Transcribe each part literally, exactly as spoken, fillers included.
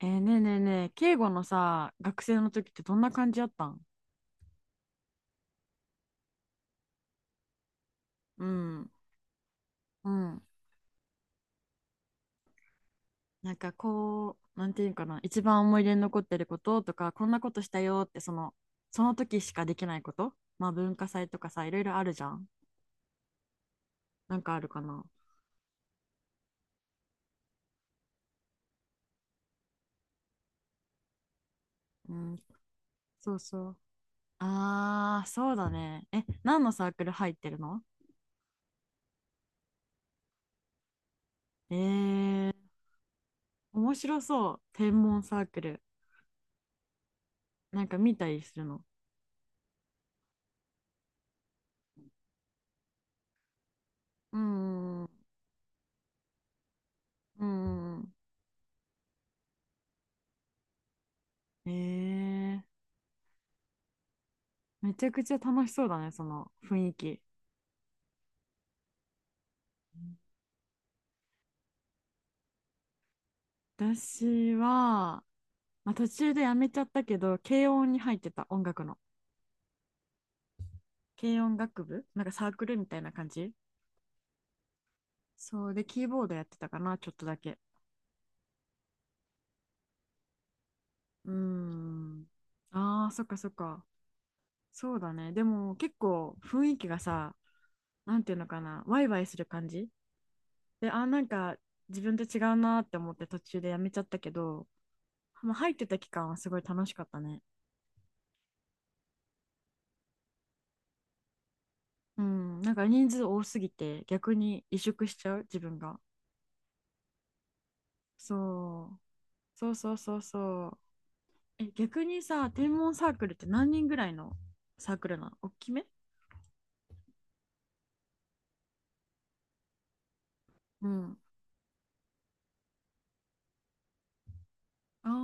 えーねえねえねえ、敬語のさ、学生の時ってどんな感じやったん？うん、うん。なんかこう、なんていうんかな、一番思い出に残ってることとか、こんなことしたよって、その、その時しかできないこと、まあ文化祭とかさ、いろいろあるじゃん。なんかあるかな。うん、そうそう。あー、そうだね。え、何のサークル入ってるの？えー、面白そう。天文サークル。なんか見たりするの？うん、うん、うん。うんえー。めちゃくちゃ楽しそうだね、その雰囲気。私は、まあ、途中でやめちゃったけど、軽音に入ってた音楽の。軽音楽部なんかサークルみたいな感じ？そうで、キーボードやってたかな、ちょっとだけ。うーん。ああ、そっかそっか。そうだね。でも結構雰囲気がさ、なんていうのかな、ワイワイする感じで、あー、なんか自分と違うなーって思って途中でやめちゃったけど、まあ、入ってた期間はすごい楽しかったね。うん、なんか人数多すぎて逆に萎縮しちゃう自分が。そう、そうそうそうそう。え、逆にさ、天文サークルって何人ぐらいのサークルなの？大きめ？うん。あ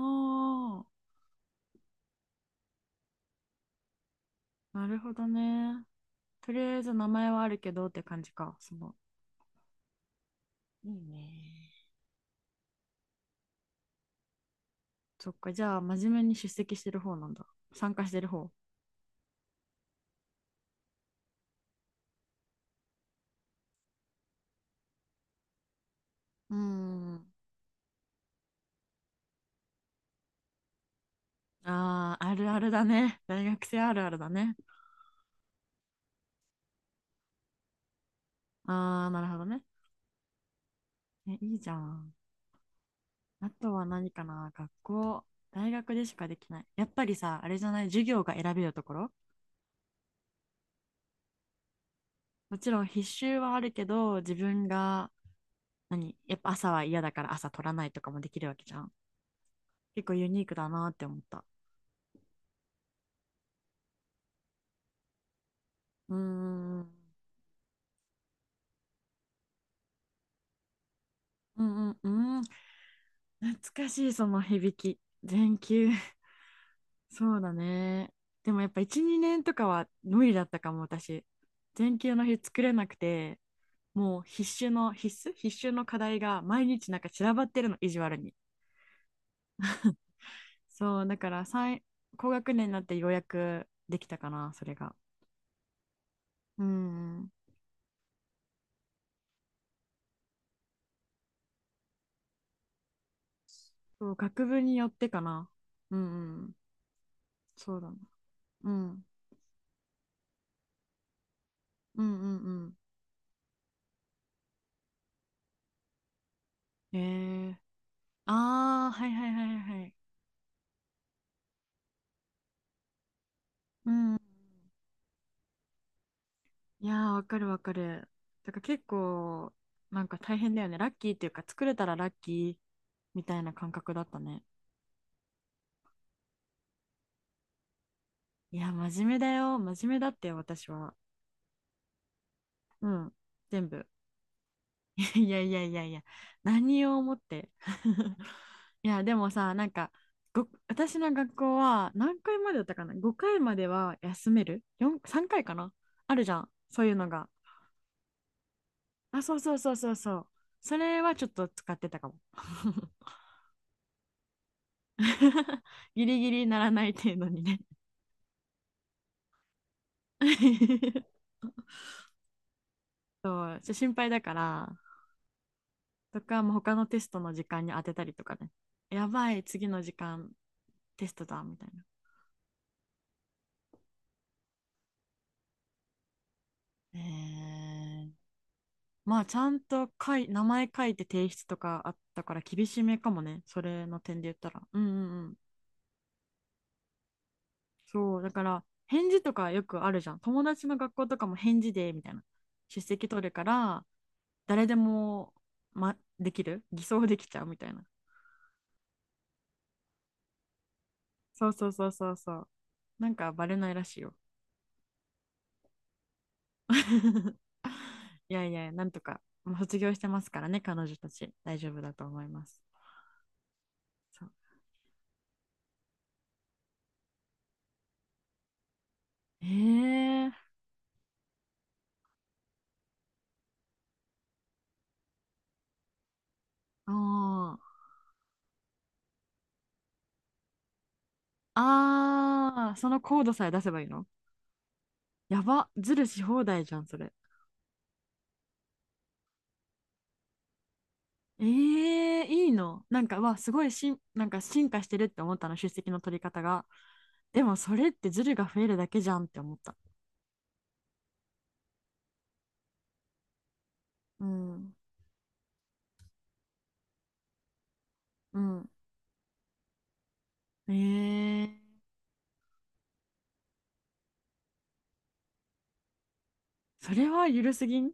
あ、なるほどね。とりあえず名前はあるけどって感じか。その、いいね。そっか、じゃあ真面目に出席してる方なんだ。参加してる方。うん。ああ、あるあるだね。大学生あるあるだね。ああ、なるほどね。え、いいじゃん。あとは何かな、学校、大学でしかできない。やっぱりさ、あれじゃない、授業が選べるところ？もちろん必修はあるけど、自分が、何、やっぱ朝は嫌だから朝取らないとかもできるわけじゃん。結構ユニークだなって思った。うーん、うんうんうん、懐かしいその響き。全休。そうだね。でもやっぱいち、にねんとかは無理だったかも、私。全休の日作れなくて、もう必修の必須必修の課題が毎日なんか散らばってるの意地悪に。そうだから高学年になってようやくできたかな、それが。うん。そう、学部によってかな。うんうん、そうだな、うん、うんうんうん、えー、ああ、はいはいはいはい、うん、いやーわかるわかる。だから結構なんか大変だよね。ラッキーっていうか、作れたらラッキーみたいな感覚だったね。いや真面目だよ、真面目だって、私は。うん、全部。いやいやいやいや、何を思って。いや、でもさ、なんか、ご、私の学校は何回までだったかな？ ご 回までは休める？ よん、さんかいかいかな。あるじゃん、そういうのが。あ、そうそうそうそうそう。それはちょっと使ってたかも。ギリギリならない程度にね。 そう、ちょ心配だから、とか、もう他のテストの時間に当てたりとかね。やばい、次の時間テストだ、みたいな。えー、まあちゃんと書い、名前書いて提出とかあったから厳しめかもね、それの点で言ったら。うんうんうん。そう、だから返事とかよくあるじゃん。友達の学校とかも返事でみたいな。出席取るから誰でも、ま、できる、偽装できちゃうみたいな。そうそうそうそうそう。なんかバレないらしいよ。いやいや、なんとか、もう卒業してますからね、彼女たち。大丈夫だと思います。そう、ええー、ああ。あー、そのコードさえ出せばいいの？やば、ズルし放題じゃん、それ。えー、いいの？なんか、わ、すごいしん、なんか進化してるって思ったの、出席の取り方が。でも、それってズルが増えるだけじゃんって思った。うん、うん。えー、それはゆるすぎん？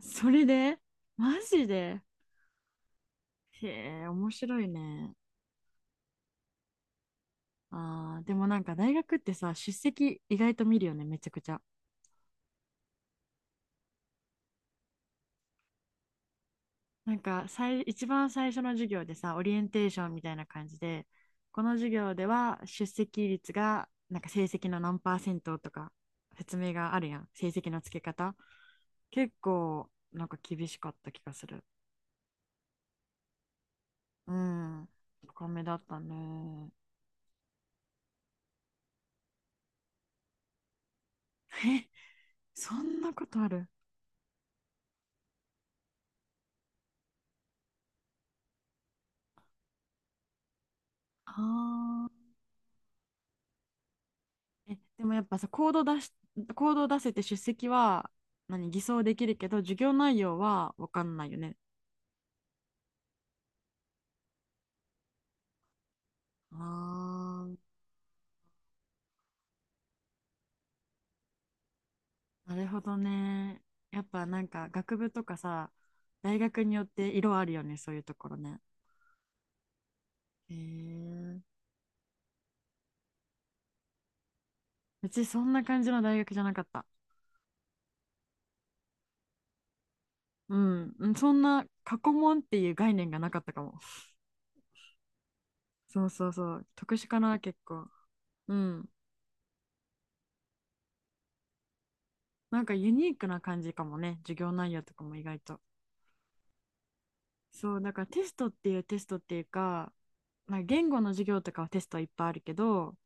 それでマジで、へえ、面白いね。あー、でもなんか大学ってさ、出席意外と見るよね、めちゃくちゃ。なんか最、一番最初の授業でさ、オリエンテーションみたいな感じで、この授業では出席率が、なんか成績の何パーセントとか説明があるやん。成績の付け方。結構、なんか厳しかった気がする。うん。高めだったね。え、そんなことある？あー、え、でもやっぱさ、コード出し、コードを出せて出席は、何、偽装できるけど、授業内容は分かんないよね。ああ、なるほどね。やっぱなんか学部とかさ、大学によって色あるよね、そういうところね。へえ。うちそんな感じの大学じゃなかった。うん、うん、そんな過去問っていう概念がなかったかも。そうそうそう、特殊かな、結構。うん。なんかユニークな感じかもね、授業内容とかも意外と。そう、だからテストっていうテストっていうか、なんか言語の授業とかはテストいっぱいあるけど、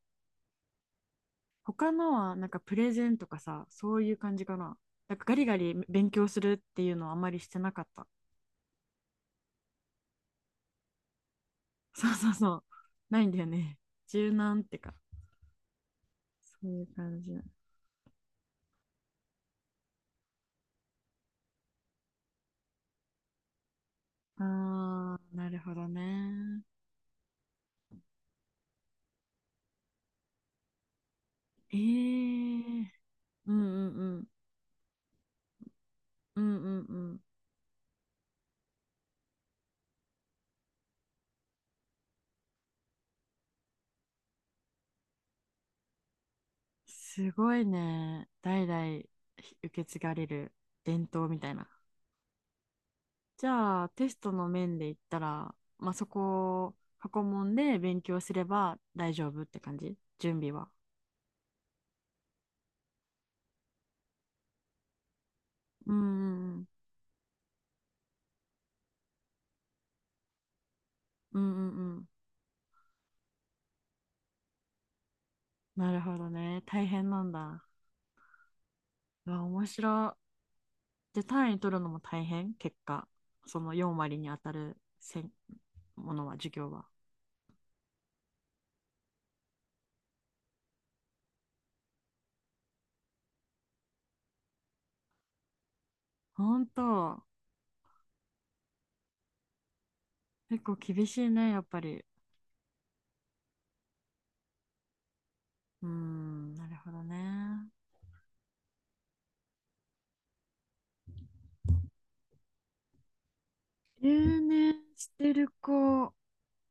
他のはなんかプレゼンとかさ、そういう感じかな。なんかガリガリ勉強するっていうのはあんまりしてなかった。そうそうそう。ないんだよね。柔軟ってか。そういう感じ。あー、なるほどね。えー。うんうんうん。うんうんうん。すごいね。代々受け継がれる伝統みたいな。じゃあ、テストの面で言ったら、まあ、そこ、過去問で勉強すれば大丈夫って感じ？準備は。うんうんうん。うんうんうん。なるほどね。大変なんだ。うわ、面白い。で、単位取るのも大変、結果。そのよん割に当たるせんものは、授業は。ほんと。結構厳しいね、やっぱり。うーん、なるほどね。留年してる子、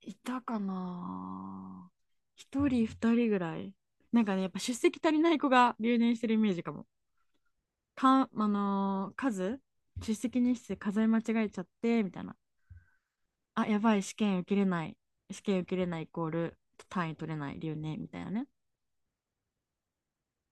いたかな、一人二人ぐらい。なんかね、やっぱ出席足りない子が留年してるイメージかも。かん、あのー数出席日数数え間違えちゃってみたいな、あ、やばい、試験受けれない、試験受けれないイコール単位取れない、留年みたいなね。